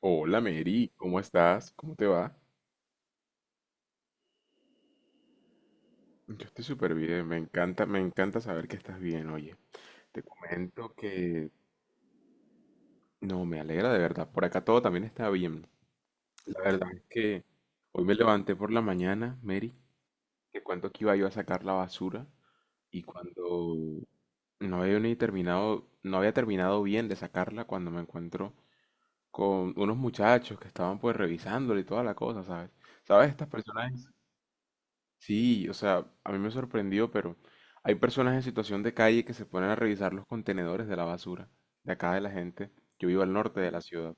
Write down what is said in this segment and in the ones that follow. Hola Mary, ¿cómo estás? ¿Cómo te va? Yo estoy súper bien, me encanta saber que estás bien, oye. Te comento que no, me alegra de verdad, por acá todo también está bien. La verdad es que hoy me levanté por la mañana, Mary, que cuento que iba yo a sacar la basura y cuando no había ni terminado, no había terminado bien de sacarla cuando me encuentro con unos muchachos que estaban pues revisándola y toda la cosa, ¿sabes? ¿Sabes? Estas personas sí, o sea, a mí me sorprendió, pero hay personas en situación de calle que se ponen a revisar los contenedores de la basura de acá de la gente. Yo vivo al norte de la ciudad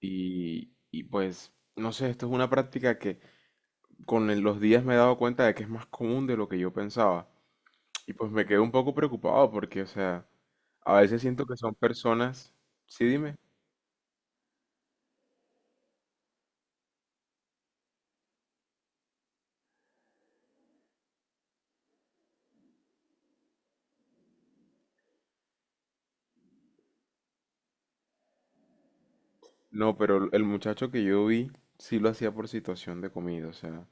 y pues, no sé, esto es una práctica que con los días me he dado cuenta de que es más común de lo que yo pensaba. Y pues me quedo un poco preocupado porque, o sea, a veces siento que son personas... Sí, dime. No, pero el muchacho que yo vi sí lo hacía por situación de comida, o sea,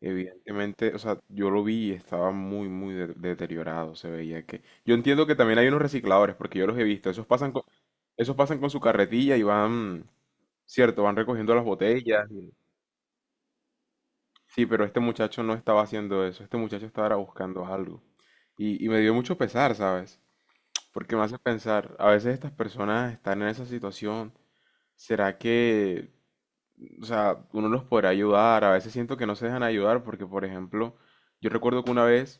evidentemente, o sea, yo lo vi y estaba muy deteriorado, se veía que... Yo entiendo que también hay unos recicladores, porque yo los he visto, esos pasan con su carretilla y van, cierto, van recogiendo las botellas. Y sí, pero este muchacho no estaba haciendo eso, este muchacho estaba buscando algo. Y me dio mucho pesar, ¿sabes? Porque me hace pensar, a veces estas personas están en esa situación, ¿será que o sea, uno los podrá ayudar? A veces siento que no se dejan ayudar porque, por ejemplo, yo recuerdo que una vez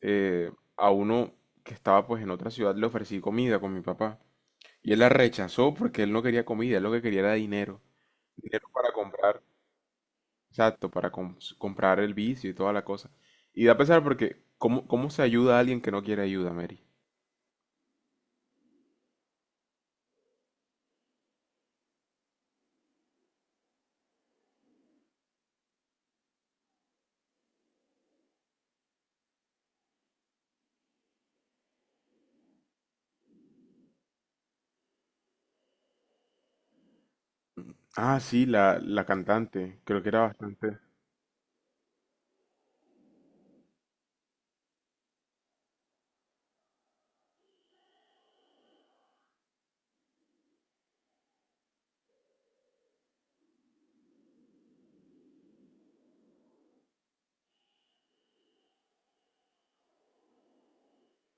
eh, a uno que estaba pues en otra ciudad le ofrecí comida con mi papá y él la rechazó porque él no quería comida, él lo que quería era dinero. Dinero para comprar, exacto, para comprar el vicio y toda la cosa. Y da pesar porque, ¿cómo, cómo se ayuda a alguien que no quiere ayuda, Mary? Ah, sí, la cantante. Creo que era bastante,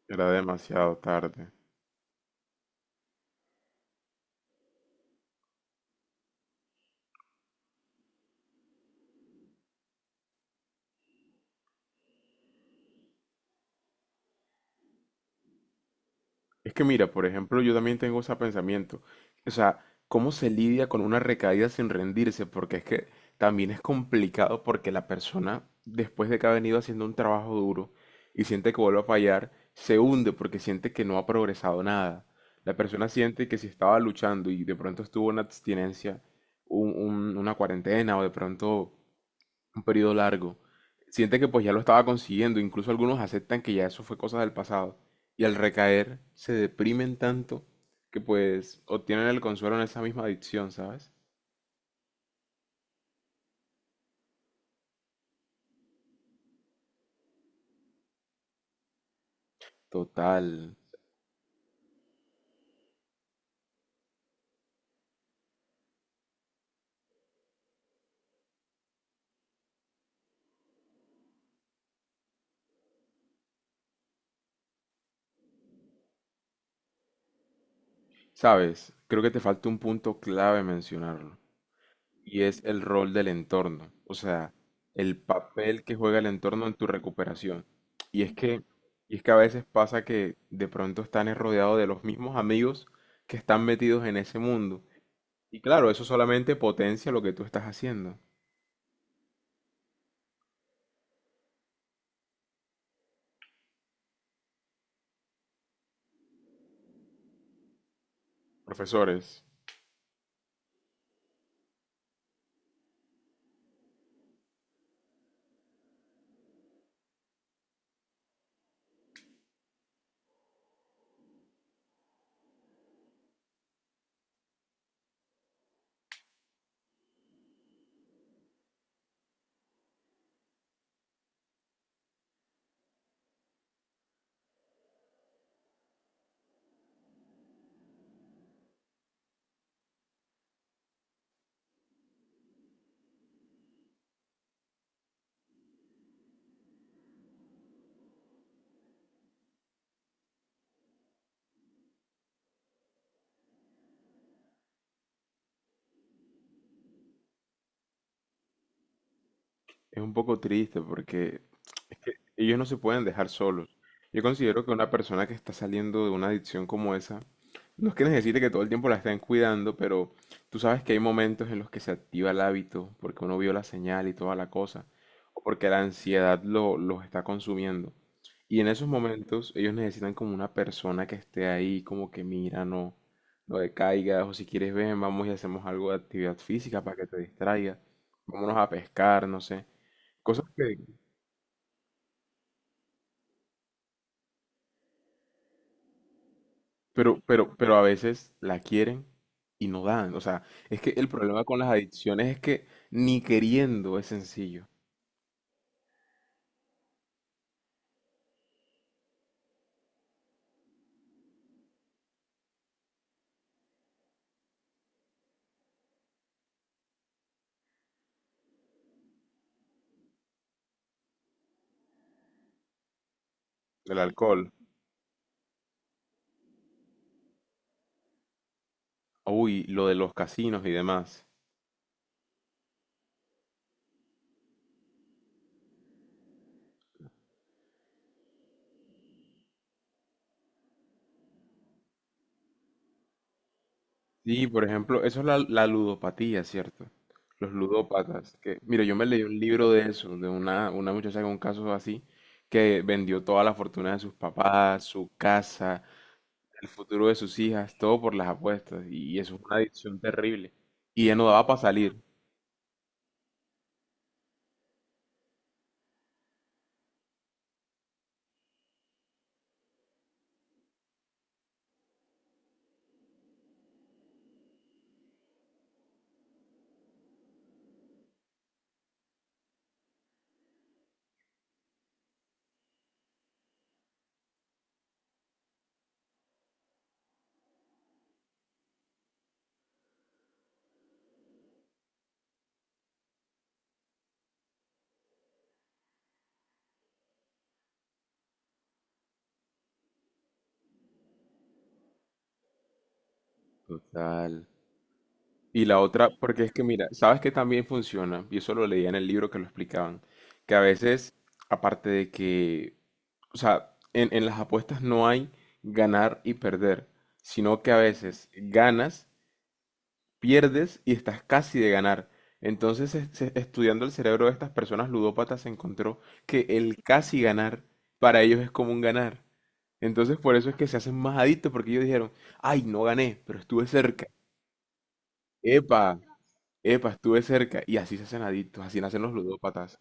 era demasiado tarde. Es que mira, por ejemplo, yo también tengo ese pensamiento. O sea, ¿cómo se lidia con una recaída sin rendirse? Porque es que también es complicado porque la persona, después de que ha venido haciendo un trabajo duro y siente que vuelve a fallar, se hunde porque siente que no ha progresado nada. La persona siente que si estaba luchando y de pronto estuvo una abstinencia, una cuarentena o de pronto un periodo largo. Siente que pues ya lo estaba consiguiendo, incluso algunos aceptan que ya eso fue cosa del pasado. Y al recaer se deprimen tanto que pues obtienen el consuelo en esa misma adicción, ¿sabes? Total. ¿Sabes? Creo que te falta un punto clave mencionarlo. Y es el rol del entorno. O sea, el papel que juega el entorno en tu recuperación. Y es que, y es que a veces pasa que de pronto están rodeados de los mismos amigos que están metidos en ese mundo. Y claro, eso solamente potencia lo que tú estás haciendo. Profesores, es un poco triste porque ellos no se pueden dejar solos. Yo considero que una persona que está saliendo de una adicción como esa, no es que necesite que todo el tiempo la estén cuidando, pero tú sabes que hay momentos en los que se activa el hábito, porque uno vio la señal y toda la cosa, o porque la ansiedad lo, los está consumiendo. Y en esos momentos ellos necesitan como una persona que esté ahí, como que mira, no, no decaigas, o si quieres ven, vamos y hacemos algo de actividad física para que te distraiga, vámonos a pescar, no sé. Cosas que, pero a veces la quieren y no dan. O sea, es que el problema con las adicciones es que ni queriendo es sencillo. El alcohol. Uy, lo de los casinos y demás. Sí, por ejemplo, eso es la, la ludopatía, ¿cierto? Los ludópatas. Que, mira, yo me leí un libro de eso, de una muchacha con un caso así, que vendió toda la fortuna de sus papás, su casa, el futuro de sus hijas, todo por las apuestas. Y eso es una adicción terrible. Y ya no daba para salir. Total. Y la otra, porque es que mira, sabes que también funciona, y eso lo leía en el libro que lo explicaban, que a veces, aparte de que, o sea, en las apuestas no hay ganar y perder, sino que a veces ganas, pierdes y estás casi de ganar. Entonces, estudiando el cerebro de estas personas ludópatas, se encontró que el casi ganar para ellos es como un ganar. Entonces, por eso es que se hacen más adictos, porque ellos dijeron, ay, no gané, pero estuve cerca. Epa, epa, estuve cerca. Y así se hacen adictos, así nacen los ludópatas.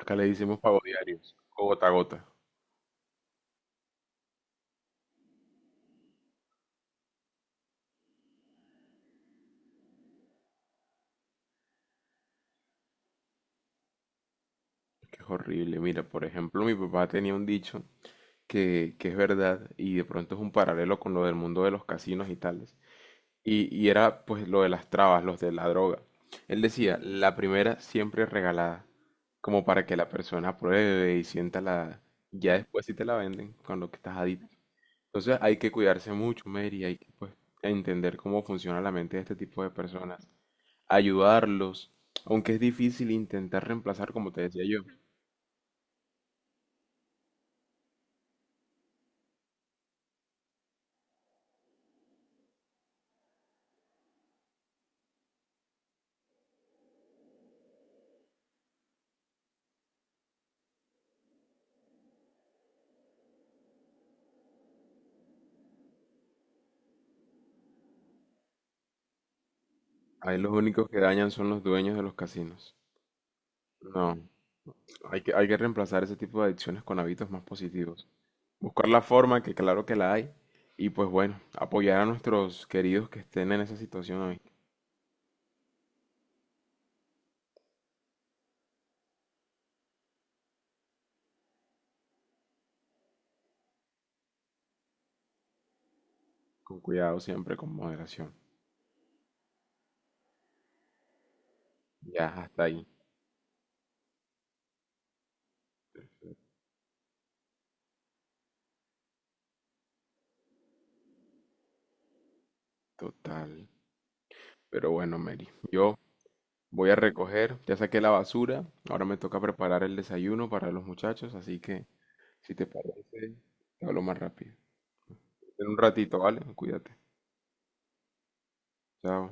Acá le decimos pago diarios, o gota a gota, que es horrible. Mira, por ejemplo, mi papá tenía un dicho que es verdad y de pronto es un paralelo con lo del mundo de los casinos y tales. Y era pues lo de las trabas, los de la droga. Él decía, la primera siempre es regalada, como para que la persona pruebe y sienta la... Ya después si te la venden, con lo que estás adicto. Entonces hay que cuidarse mucho, Mary, hay que pues, entender cómo funciona la mente de este tipo de personas, ayudarlos, aunque es difícil intentar reemplazar, como te decía yo. Ahí los únicos que dañan son los dueños de los casinos. No, hay que reemplazar ese tipo de adicciones con hábitos más positivos. Buscar la forma, que claro que la hay, y pues bueno, apoyar a nuestros queridos que estén en esa situación hoy, con cuidado siempre, con moderación. Ya, hasta ahí, total. Pero bueno, Mary, yo voy a recoger, ya saqué la basura, ahora me toca preparar el desayuno para los muchachos, así que si te parece, te hablo más rápido. En un ratito, ¿vale? Cuídate. Chao.